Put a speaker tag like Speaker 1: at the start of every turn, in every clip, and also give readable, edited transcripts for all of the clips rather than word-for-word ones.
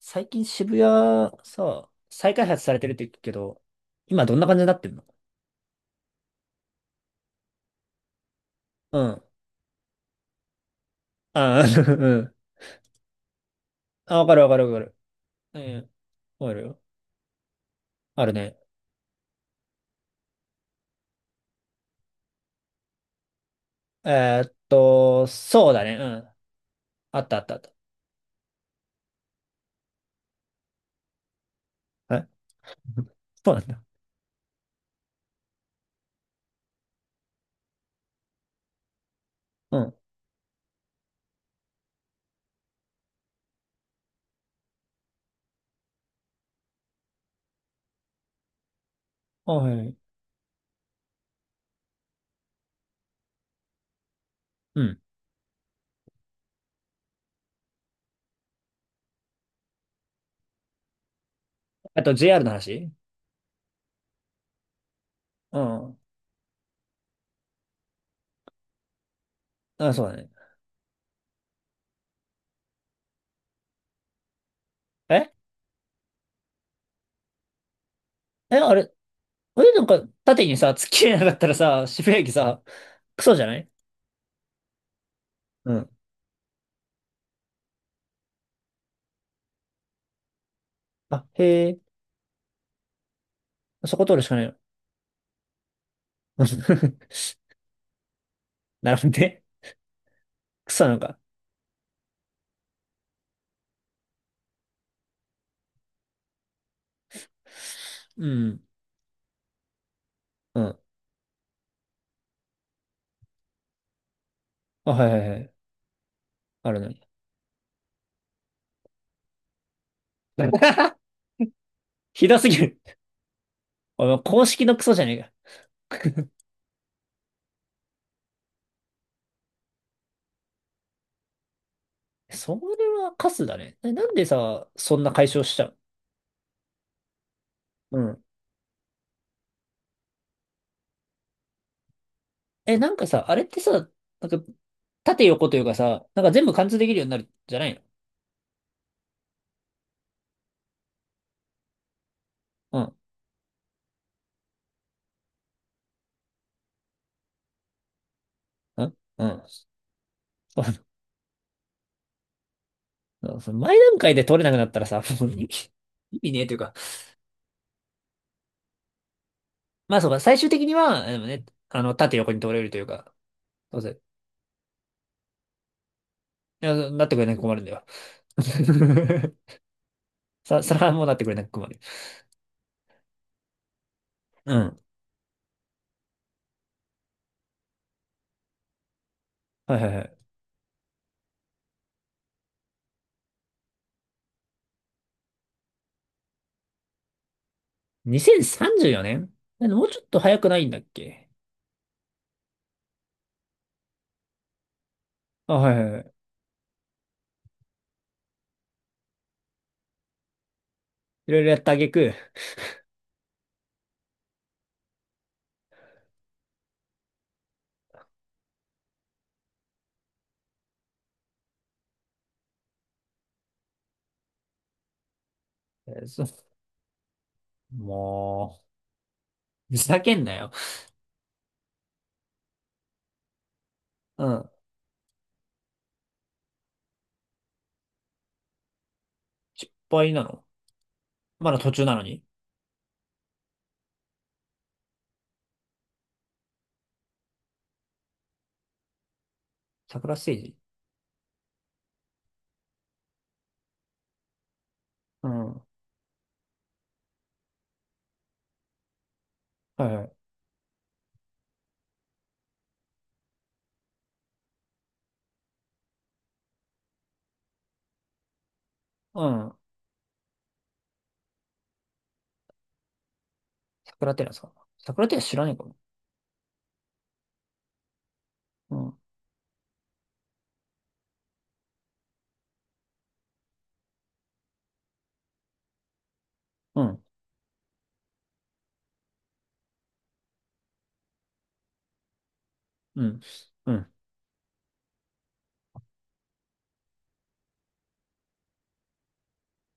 Speaker 1: 最近渋谷さ、再開発されてるって言うけど、今どんな感じになってんの？うん。ああ、うん。あ、わかるわかるわかる。うん。わかるよ。あるね。そうだね。うん。あったあったあった。え、 そうなんだ。うん。あ、はいはい。うん。あと JR の話。うん。あ、そうだね。ええ、あれあれなんか縦にさ、突っ切れなかったらさ、渋谷駅さ、クソじゃない？うん。あ、へえ。そこ通るしかないの？なるほどね。クソなのか。うん。うん。あ、はいはいはい。あるのに。ひどすぎる。あの公式のクソじゃねえか。それはカスだね。え、なんでさ、そんな解消しちゃう？うん。え、なんかさ、あれってさ、なんか、縦横というかさ、なんか全部貫通できるようになるじゃないの？うん。うん。うん。そうその前段階で取れなくなったらさ、もう意味ねえというか。まあそうか、最終的には、でもね、あの、縦横に取れるというか、どうせ、いやなってくれなく困るんだよ。さ、それはもうなってくれなく困る。うん。はいはいはい。2034年？もうちょっと早くないんだっけ？あ、はいはいはい。いろいろやった挙句、えー、そう、もう、ふざけんなよ。うん。失敗なの？まだ途中なのに。桜ステージ？うん。はいはい。うん。桜テラスかな。桜テラス知らねえかも。うん。うん。うん。うん。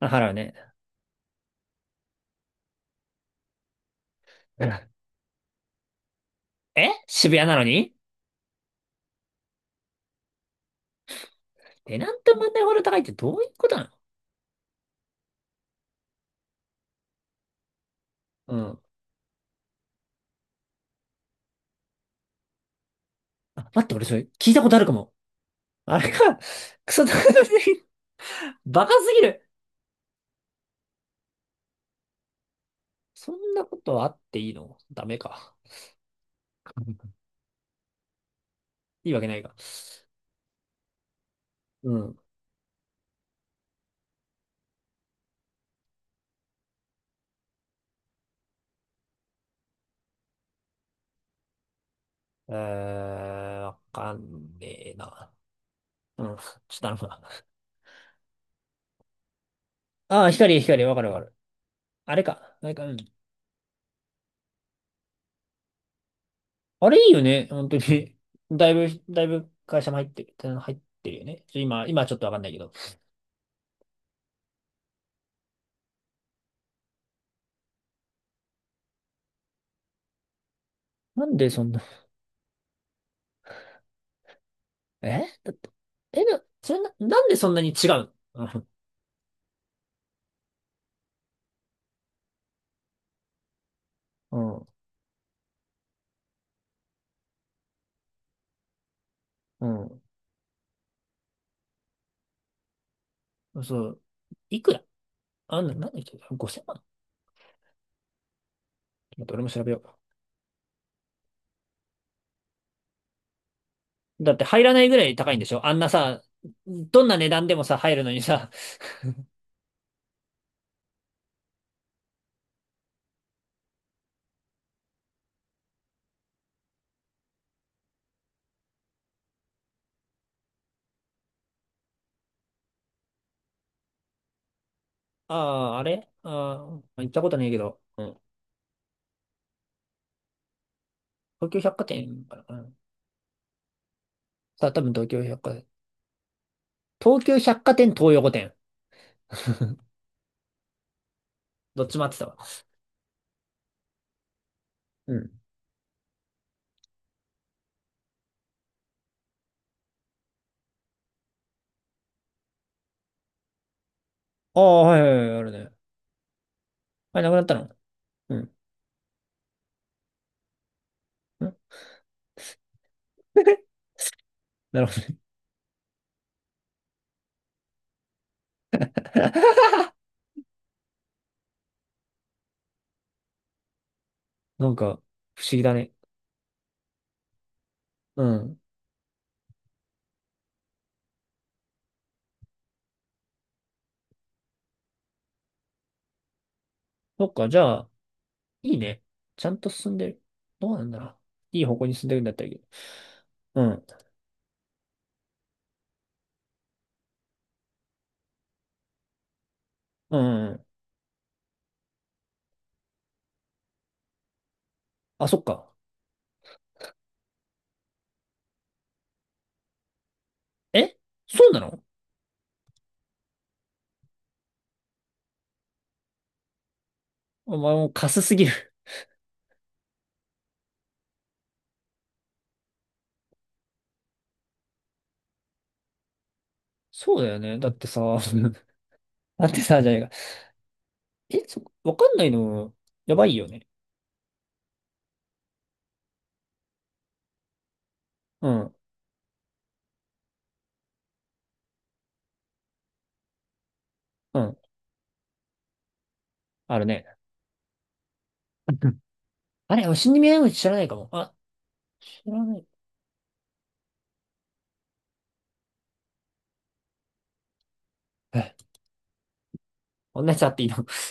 Speaker 1: あ、払うね。うん。え、渋谷なのに、テナント問題ほど高いってどういうことなの？うん。あ、待って、俺それ聞いたことあるかも。あれか、クソ高い、バカすぎる。そんなことあっていいの？ダメか。いいわけないか。うん。えー、わかんねえな。うん。ちょっと頼むな。ああ、光、光、わかるわかる。あれか。あれか。うん。あれいいよね。本当に。だいぶ会社も入ってる。入ってるよね。ちょ今、今はちょっとわかんないけど。なんでそんな、え、だって、それな、なんでそんなに違うの？うん。うん。うん、そう。いくら？なんだっけ？ 5000万、ちょっと待って俺も調べよう。だって入らないぐらい高いんでしょ、あんなさ、どんな値段でもさ、入るのにさ、ああ、あれ、ああー、行ったことないけど、うん。東急百貨店かな。うん、さあ、多分東急百貨店。東急百貨店、東横店。どっちも合ってたわ。うん。ああ、はいはいはい、あるね。あれ、なくなったの？うん。うん。 なるほどね。なんか、不思議だね。うん。そっか、じゃあ、いいね。ちゃんと進んでる。どうなんだろう。いい方向に進んでるんだったらいいけど。うん。うんうんうん。あ、そっか。え、そうなの？お前もうカスすぎる。そうだよね。だってさ、だってさ、じゃねえか。わかんないの、やばいよね。うん、うん、あるね。うん。あれ、死に目合う知らないかも。あ、知らない。え、こんなやつあっていいの？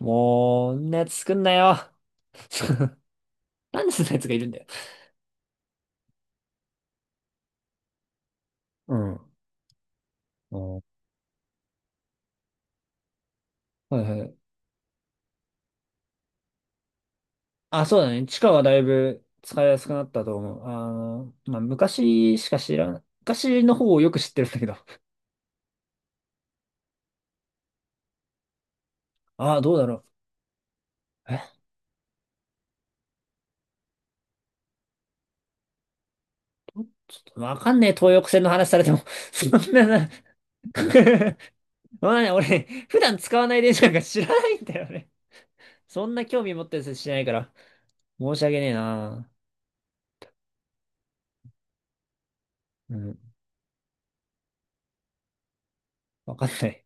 Speaker 1: もう、こんなやつ作んなよ。なんでそんなやつがいるんだよ。うん。うん、はいはい。あ、そうだね。地下はだいぶ使いやすくなったと思う。あの、まあ、昔しか知らん。昔の方をよく知ってるんだけど。ああ、どうだろう。え、わかんねえ、東横線の話されても。そんなな、そんなね、俺、普段使わない電車なんか知らないんだよね。そんな興味持ってる人しないから。申し訳ねえな。うん、わかんない。